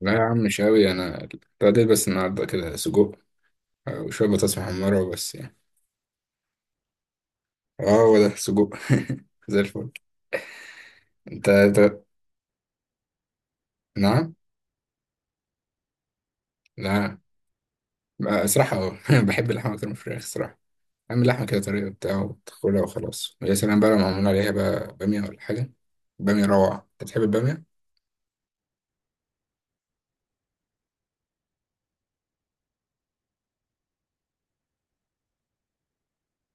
لا يا عم، مش قوي. انا ابتديت بس النهارده كده سجق وشويه بطاطس محمره وبس يعني. اه هو ده سجق زي الفل. انت أنت- نعم. لا، بقى صراحه اه بحب اللحمه اكتر من الفراخ صراحه. اعمل لحمه كده طريقه بتاعه وتاكلها وخلاص، ويا سلام بقى لو معمول عليها بقى باميه ولا حاجه. باميه روعه، انت بتحب الباميه؟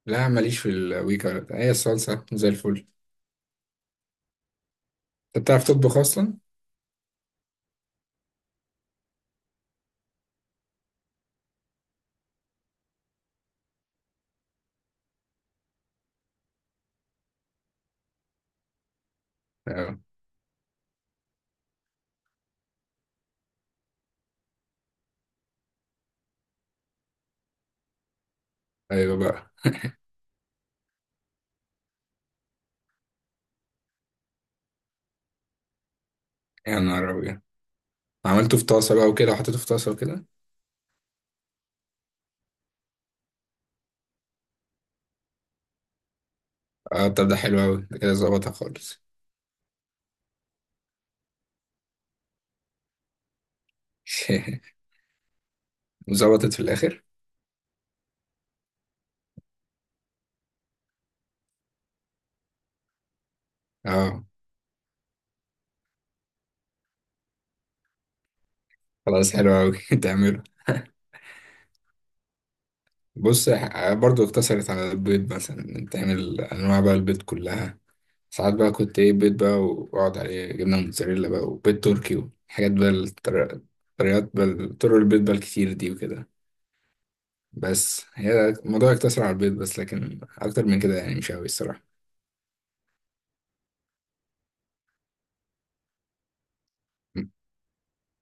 لا، ماليش في الويكا ولا بتاع. هي الصلصه زي الفل. انت بتعرف تطبخ اصلا؟ اه ايوه بقى. يا نهار ابيض. عملته في طاسه بقى وكده وحطيته في طاسه وكده. اه طب ده حلو أوي، ده كده ظبطها خالص. وظبطت في الآخر. اه خلاص حلو أوي تعمله. بص برضو اقتصرت على البيض، مثلا تعمل أنواع بقى البيض كلها. ساعات بقى كنت إيه، بيض بقى وأقعد عليه جبنة موتزاريلا بقى وبيض تركي، وحاجات بقى طريقات بقى، طرق البيض بقى الكتير دي وكده. بس هي الموضوع يقتصر على البيض بس، لكن أكتر من كده يعني مش أوي الصراحة.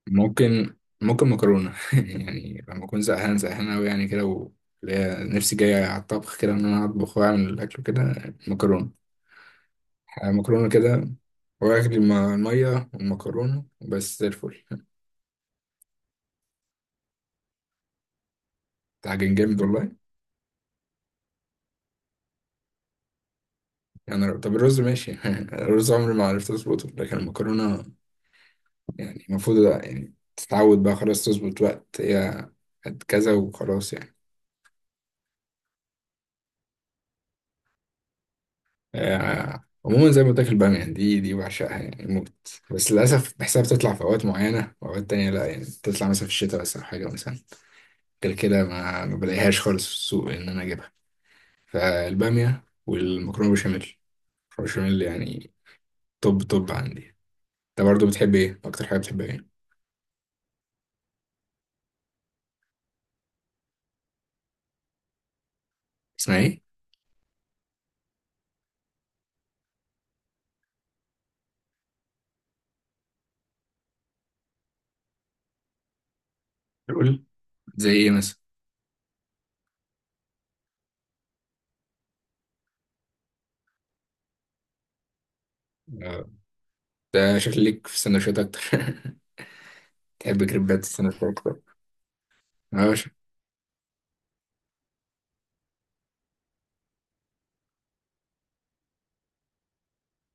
ممكن مكرونة يعني لما أكون زهقان زهقان أوي يعني كده اللي هي نفسي جاية على الطبخ كده إن أنا أطبخ وأعمل الأكل كده. مكرونة. مكرونة كده، وآكل المية والمكرونة وبس زي الفل. ده حاجة جامد والله. يعني طب الرز ماشي الرز عمري ما عرفت أظبطه، لكن المكرونة يعني المفروض يعني تتعود بقى خلاص، تظبط وقت هي قد كذا وخلاص يعني. عموما زي ما قلت لك البامية دي بعشقها يعني موت. بس للأسف بحسها بتطلع في أوقات معينة وأوقات تانية لأ، يعني بتطلع مثلا في الشتاء بس أو حاجة مثلا. غير كده ما بلاقيهاش خالص في السوق إن أنا أجيبها. فالبامية والمكرونة بشاميل، المكرونة بشاميل يعني. توب توب عندي. أنت برضه بتحب إيه؟ أكتر حاجة بتحبها إيه؟ اسمها إيه؟ قول. زي إيه مثلا؟ آه، ده شكل ليك في السندوتشات أكتر تحب كريبات السندوتشات أكتر؟ أه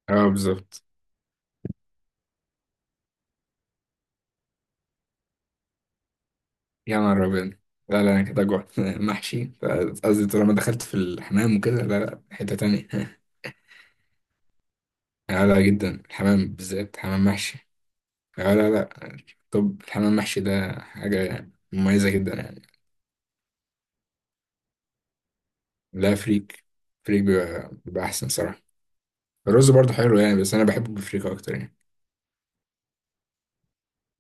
أه بالظبط. يا نهار أبيض، لا لا أنا كده جوعت محشي قصدي طالما دخلت في الحمام وكده لا لا حتة تانية. لا لا جدا الحمام بالذات حمام محشي. لا لا لا. طب الحمام محشي ده حاجة مميزة جدا يعني. لا، فريك. فريك بيبقى أحسن صراحة. الرز برضه حلو يعني، بس أنا بحبه بالفريك أكتر يعني.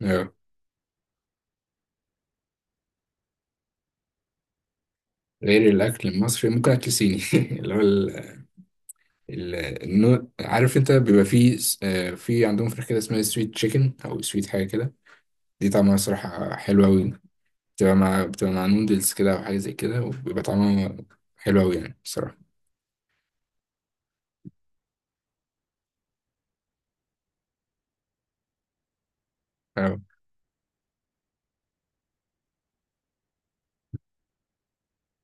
أيوة. غير الأكل المصري ممكن أكل صيني اللي هو النوع عارف أنت بيبقى فيه في عندهم فراخ كده اسمها سويت تشيكن أو سويت حاجة كده. دي طعمها صراحة حلوة أوي. بتبقى مع نودلز كده أو حاجة زي كده، وبيبقى طعمها حلو أوي يعني بصراحة. أوي.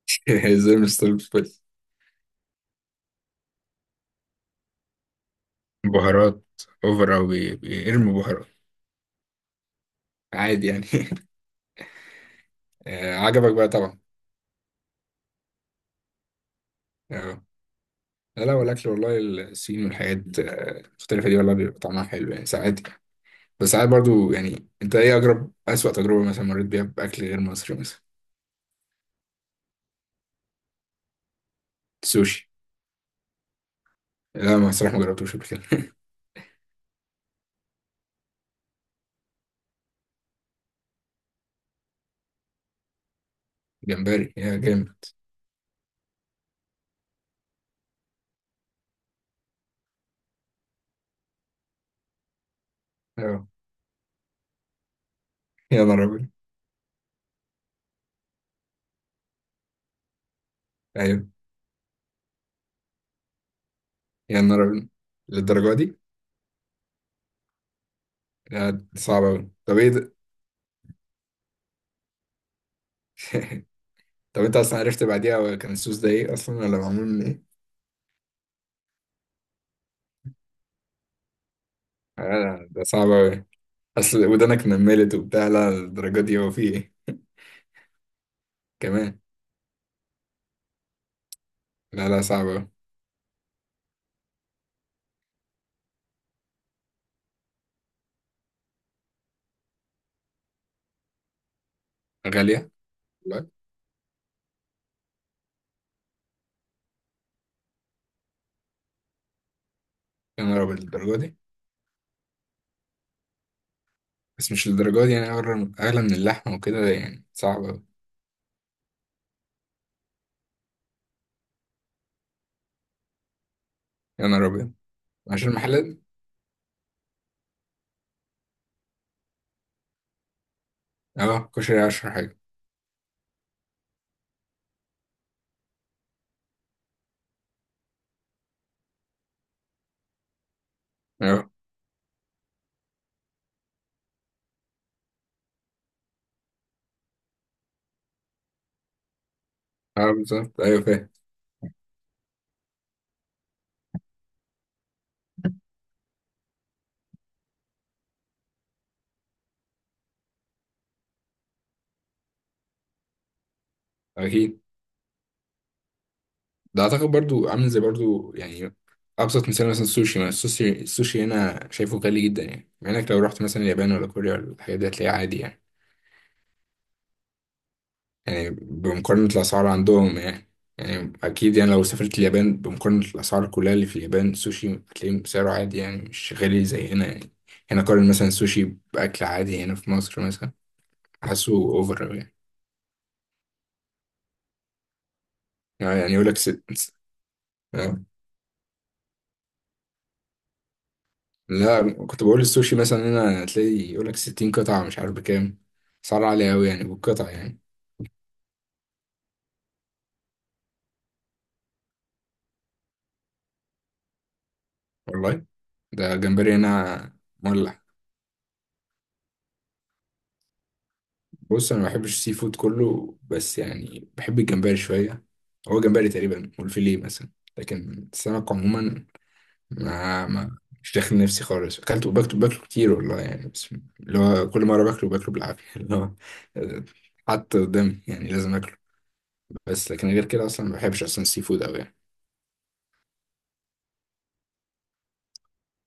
زي مش طالب فل. بهارات أوفر أو بيرموا بهارات. عادي يعني عجبك بقى طبعا. آه. لا لا والأكل والله الصين والحاجات المختلفة دي، والله بيبقى طعمها حلو يعني ساعات. بس ساعات برضو يعني، أنت إيه أجرب أسوأ تجربة مثلا مريت بيها بأكل غير مصري مثلا. سوشي. لا ما الصراحة ما جربتوش قبل كده. جمبري يا جامد اه. يا نهار أبيض. أيوه. يا نهار أبيض. للدرجة دي؟ لا صعب أوي، طب إيه ده؟ طب أنت أصلا عرفت بعديها كان السوس ده إيه أصلا ولا معمول من إيه؟ لا ده صعب أوي. أصل ودانك نملت وبتاع، لا الدرجة دي هو في إيه؟ كمان. لا لا صعب أوي. غالية والله. يا نهار أبيض، الدرجة دي. بس مش الدرجة دي يعني، أغلى أغلى من اللحمة وكده يعني صعب أوي. يا نهار أبيض، عشان المحلات. أه كشري عشرة حاجة. أه. أه بالظبط أيوه فاهم. أكيد. ده اعتقد برضو عامل زي برضو يعني. ابسط مثال مثلا السوشي ما السوشي هنا شايفه غالي جدا يعني، مع انك لو رحت مثلا اليابان ولا كوريا ولا الحاجات دي هتلاقيه عادي يعني. يعني بمقارنة الاسعار عندهم يعني. يعني اكيد يعني لو سافرت اليابان، بمقارنة الاسعار كلها اللي في اليابان السوشي هتلاقيه سعره عادي يعني مش غالي زي هنا يعني. هنا قارن مثلا السوشي باكل عادي هنا في مصر مثلا، حاسه اوفر أوي يعني يقول لك ست. آه، لا كنت بقول السوشي مثلا هنا هتلاقي يقول لك 60 قطعة مش عارف بكام، سعر عالي أوي يعني بالقطعة يعني. والله. ده جمبري هنا. مولع. بص أنا ما بحبش السي فود كله، بس يعني بحب الجمبري شوية. هو جمبري تقريبا والفيليه مثلا. لكن السمك عموما ما مش داخل نفسي خالص، أكلته باكله كتير والله يعني، بس اللي هو كل مرة باكله بالعافية اللي هو حتى قدامي يعني لازم أكله. بس لكن غير كده أصلا ما بحبش أصلا السي فود أوي يعني.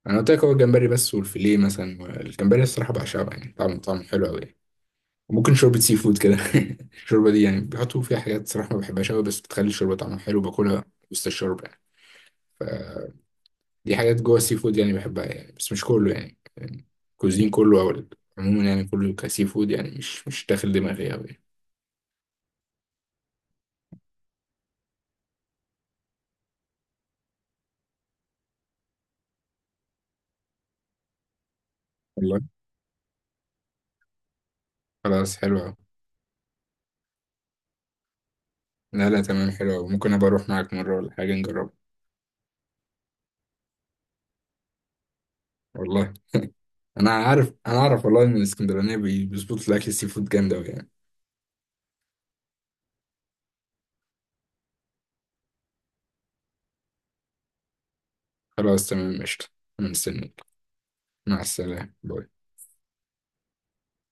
انا قلت لك هو الجمبري بس والفيليه مثلا. الجمبري الصراحه بعشقه يعني، طعمه حلو قوي يعني. وممكن شوربه سي فود كده الشوربه دي يعني بيحطوا فيها حاجات صراحه ما بحبهاش قوي، بس بتخلي الشوربه طعمها حلو، باكلها وسط الشوربه يعني. فدي حاجات جوه السي فود يعني بحبها يعني، بس مش كله يعني. كوزين كله او عموما يعني كله كسي فود يعني مش داخل دماغي قوي يعني. والله. خلاص حلو قوي. لا لا تمام حلو قوي، ممكن ابقى اروح معاك مره ولا حاجه نجربها. والله انا عارف. انا اعرف والله ان الاسكندرانيه بيظبطوا الاكل السي فود جامد قوي. خلاص تمام قشطة. مستنيك. مع السلامة باي.